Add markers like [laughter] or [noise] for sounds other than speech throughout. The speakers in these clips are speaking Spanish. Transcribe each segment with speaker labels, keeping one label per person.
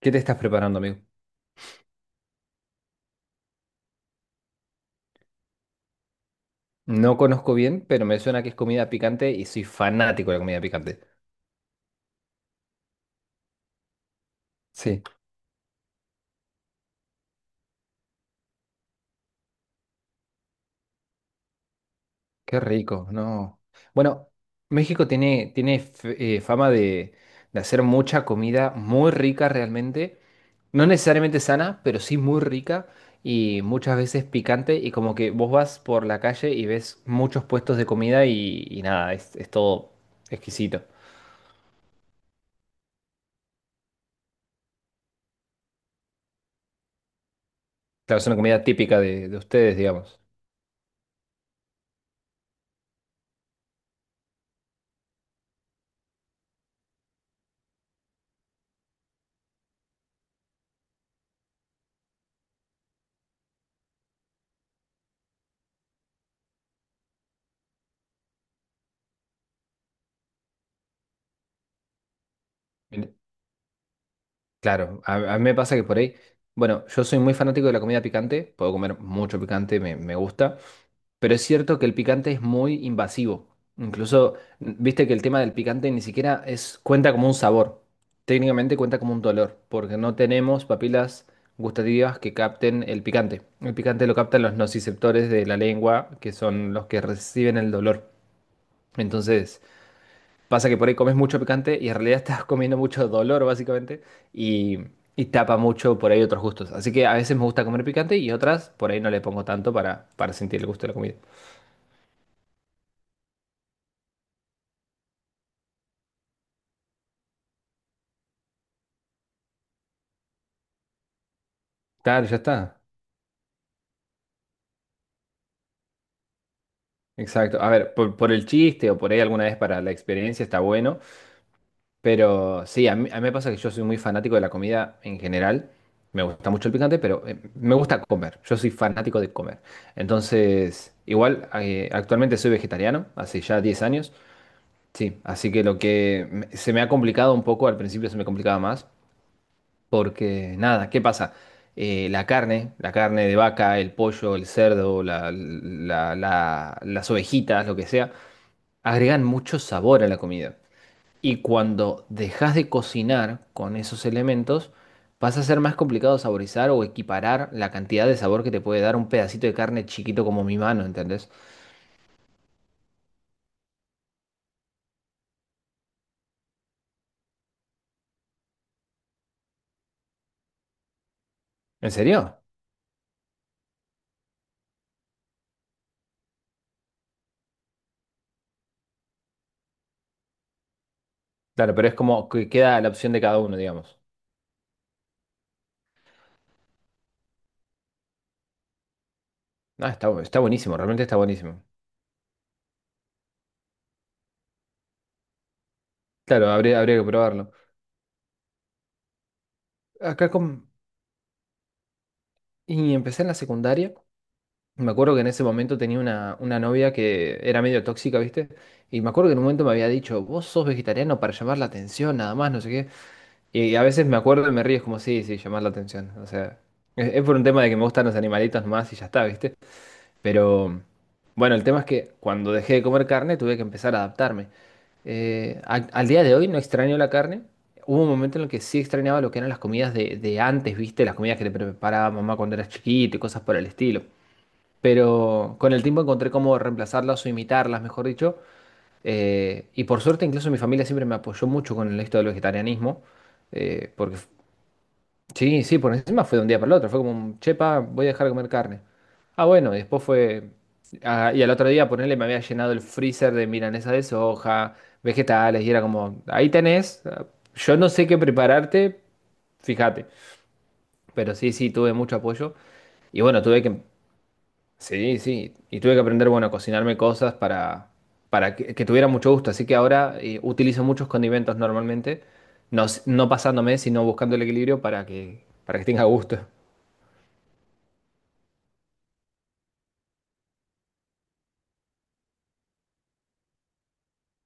Speaker 1: ¿Qué te estás preparando, amigo? No conozco bien, pero me suena que es comida picante y soy fanático de la comida picante. Sí, qué rico, no. Bueno, México tiene fama de hacer mucha comida muy rica realmente. No necesariamente sana, pero sí muy rica y muchas veces picante. Y como que vos vas por la calle y ves muchos puestos de comida y nada, es todo exquisito. Claro, es una comida típica de ustedes, digamos. Claro, a mí me pasa que por ahí, bueno, yo soy muy fanático de la comida picante, puedo comer mucho picante, me gusta, pero es cierto que el picante es muy invasivo. Incluso, viste que el tema del picante ni siquiera cuenta como un sabor, técnicamente cuenta como un dolor, porque no tenemos papilas gustativas que capten el picante. El picante lo captan los nociceptores de la lengua, que son los que reciben el dolor. Entonces. Pasa que por ahí comes mucho picante y en realidad [laughs] estás comiendo mucho dolor, básicamente, y, y tapa mucho por ahí otros gustos. Así que a veces me gusta comer picante y otras por ahí no le pongo tanto para, sentir el gusto de la comida. Claro, ya está. Exacto. A ver, por el chiste o por ahí alguna vez para la experiencia está bueno, pero sí, a mí me pasa que yo soy muy fanático de la comida en general. Me gusta mucho el picante, pero me gusta comer. Yo soy fanático de comer. Entonces, igual, actualmente soy vegetariano, hace ya 10 años. Sí, así que lo que se me ha complicado un poco, al principio se me complicaba más, porque nada, ¿qué pasa? La carne de vaca, el pollo, el cerdo, las ovejitas, lo que sea, agregan mucho sabor a la comida. Y cuando dejas de cocinar con esos elementos, pasa a ser más complicado saborizar o equiparar la cantidad de sabor que te puede dar un pedacito de carne chiquito como mi mano, ¿entendés? ¿En serio? Claro, pero es como que queda la opción de cada uno, digamos. Ah, está buenísimo, realmente está buenísimo. Claro, habría que probarlo. Acá con. Y empecé en la secundaria. Me acuerdo que en ese momento tenía una novia que era medio tóxica, ¿viste? Y me acuerdo que en un momento me había dicho, vos sos vegetariano para llamar la atención, nada más, no sé qué. Y a veces me acuerdo y me río, es como, sí, sí, llamar la atención. O sea, es por un tema de que me gustan los animalitos más y ya está, ¿viste? Pero, bueno, el tema es que cuando dejé de comer carne tuve que empezar a adaptarme. Al día de hoy no extraño la carne. Hubo un momento en el que sí extrañaba lo que eran las comidas de antes, ¿viste? Las comidas que te preparaba mamá cuando eras chiquito y cosas por el estilo. Pero con el tiempo encontré cómo reemplazarlas o imitarlas, mejor dicho. Y por suerte incluso mi familia siempre me apoyó mucho con el esto del vegetarianismo. Porque Sí, sí, por encima fue de un día para el otro. Fue como, chepa, voy a dejar de comer carne. Ah, bueno, y después fue. Ah, y al otro día, ponerle me había llenado el freezer de milanesa de soja, vegetales, y era como, ahí tenés. Ah, yo no sé qué prepararte, fíjate. Pero sí, sí, tuve mucho apoyo. Y bueno, tuve que. Sí, sí. Y tuve que aprender, bueno, a cocinarme cosas para que tuviera mucho gusto. Así que ahora utilizo muchos condimentos normalmente. No, no pasándome, sino buscando el equilibrio para que tenga gusto.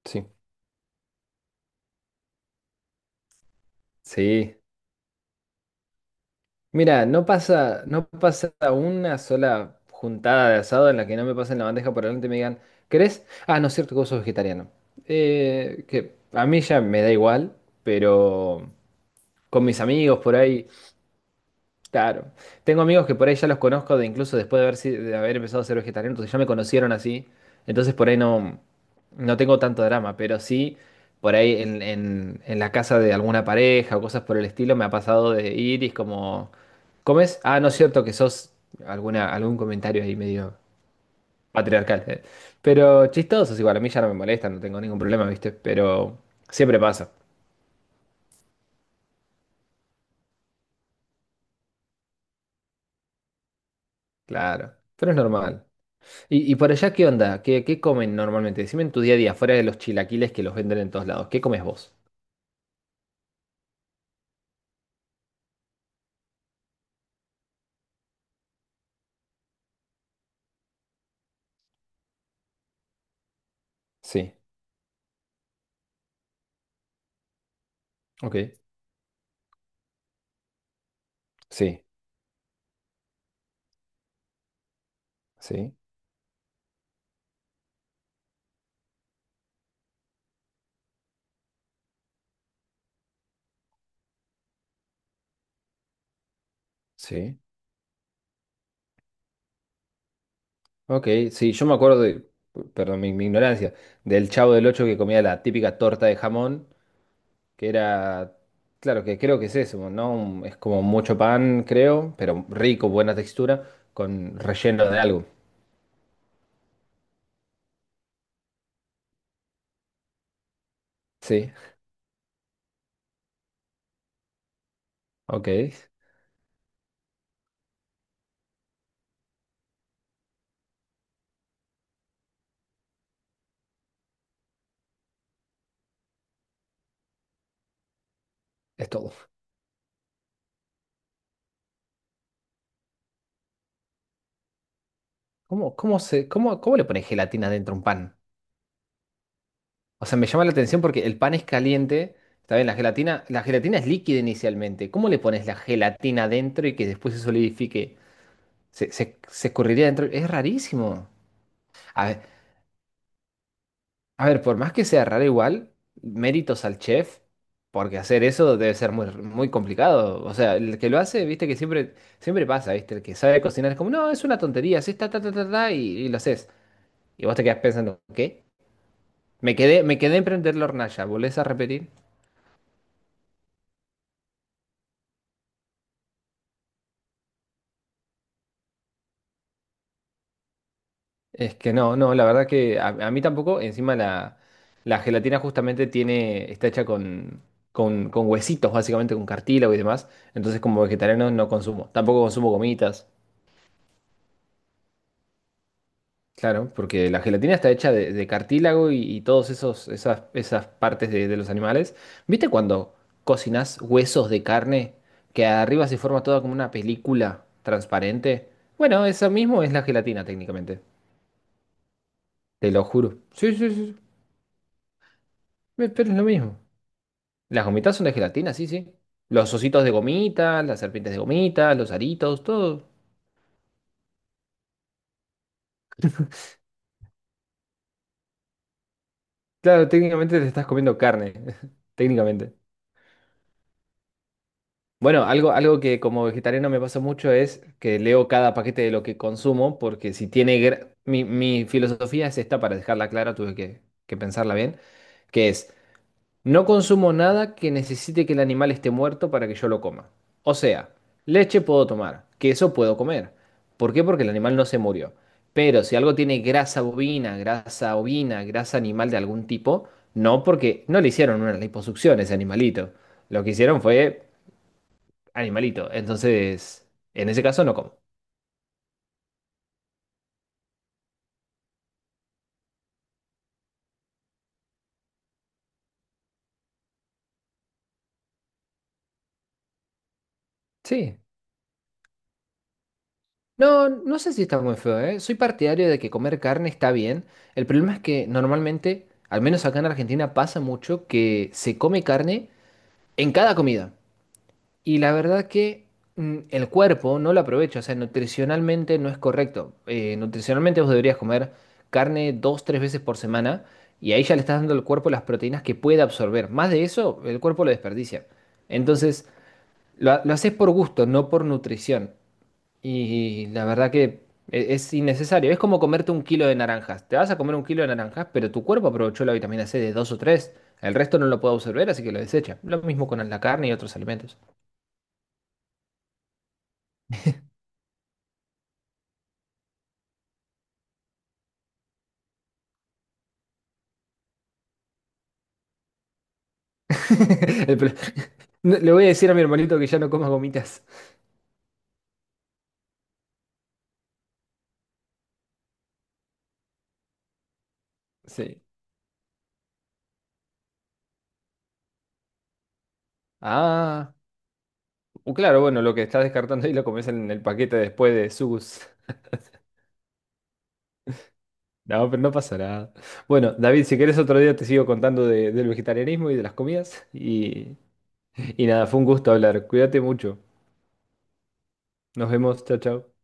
Speaker 1: Sí, sí. Mira, no pasa, no pasa una sola juntada de asado en la que no me pasen la bandeja por delante y me digan, ¿querés? Ah, no es cierto que vos sos vegetariano. Que a mí ya me da igual, pero con mis amigos por ahí. Claro. Tengo amigos que por ahí ya los conozco de incluso después de haber, de haber empezado a ser vegetariano, entonces ya me conocieron así. Entonces por ahí no tengo tanto drama, pero sí por ahí en la casa de alguna pareja o cosas por el estilo me ha pasado de ir y es como, ¿comes? Ah, no es cierto que sos algún comentario ahí medio patriarcal. Pero chistosos igual, a mí ya no me molesta, no tengo ningún problema, ¿viste? Pero siempre pasa, claro. Pero es normal. ¿Y por allá qué onda? ¿Qué comen normalmente? Decime en tu día a día, fuera de los chilaquiles que los venden en todos lados. ¿Qué comes vos? Sí, ok. Sí, sí, sí. Ok, sí, yo me acuerdo, perdón, mi ignorancia, del Chavo del Ocho que comía la típica torta de jamón, que era, claro, que creo que es eso, ¿no? Es como mucho pan, creo, pero rico, buena textura, con relleno de algo. Sí, ok, es todo. ¿Cómo le pones gelatina dentro a un pan? O sea, me llama la atención porque el pan es caliente, está bien, la gelatina es líquida inicialmente. ¿Cómo le pones la gelatina dentro y que después se solidifique? Se escurriría dentro. Es rarísimo. A ver, a ver, por más que sea raro igual, méritos al chef, porque hacer eso debe ser muy, muy complicado. O sea, el que lo hace, viste que siempre, siempre pasa, viste, el que sabe cocinar es como, no, es una tontería, así ta, ta, ta, ta, ta", y lo haces. Y vos te quedás pensando, ¿qué? Me quedé en prender la hornalla, ¿volvés a repetir? Es que no, la verdad que a mí tampoco, encima la gelatina justamente está hecha con, con huesitos, básicamente con cartílago y demás, entonces como vegetariano no consumo, tampoco consumo gomitas, claro, porque la gelatina está hecha de cartílago y todos esos, esas partes de los animales. ¿Viste cuando cocinas huesos de carne que arriba se forma toda como una película transparente? Bueno, eso mismo es la gelatina técnicamente, te lo juro. Sí, sí, sí, sí, pero es lo mismo. Las gomitas son de gelatina, sí, sí. Los ositos de gomita, las serpientes de gomita, los aritos, todo. Claro, técnicamente te estás comiendo carne, [laughs] técnicamente. Bueno, algo que como vegetariano me pasa mucho es que leo cada paquete de lo que consumo. Porque si tiene... gra- Mi, mi filosofía es esta, para dejarla clara, tuve que, pensarla bien. que es, No consumo nada que necesite que el animal esté muerto para que yo lo coma. O sea, leche puedo tomar, queso puedo comer. ¿Por qué? Porque el animal no se murió. Pero si algo tiene grasa bovina, grasa ovina, grasa animal de algún tipo, no, porque no le hicieron una liposucción a ese animalito. Lo que hicieron fue animalito. Entonces, en ese caso no como. Sí. No, no sé si está muy feo, ¿eh? Soy partidario de que comer carne está bien. El problema es que normalmente, al menos acá en Argentina, pasa mucho que se come carne en cada comida. Y la verdad que el cuerpo no lo aprovecha, o sea, nutricionalmente no es correcto. Nutricionalmente vos deberías comer carne 2, 3 veces por semana y ahí ya le estás dando al cuerpo las proteínas que puede absorber. Más de eso, el cuerpo lo desperdicia. Entonces, lo haces por gusto, no por nutrición. Y la verdad que es innecesario. Es como comerte 1 kilo de naranjas. Te vas a comer 1 kilo de naranjas, pero tu cuerpo aprovechó la vitamina C de dos o tres. El resto no lo puede absorber, así que lo desecha. Lo mismo con la carne y otros alimentos. [laughs] El pro- [laughs] No, le voy a decir a mi hermanito que ya no coma gomitas. Sí. Ah, claro, bueno, lo que estás descartando ahí lo comes en el paquete después de sus. No, pero no pasa nada. Bueno, David, si querés otro día te sigo contando del vegetarianismo y de las comidas. Y nada, fue un gusto hablar. Cuídate mucho. Nos vemos, chao, chao.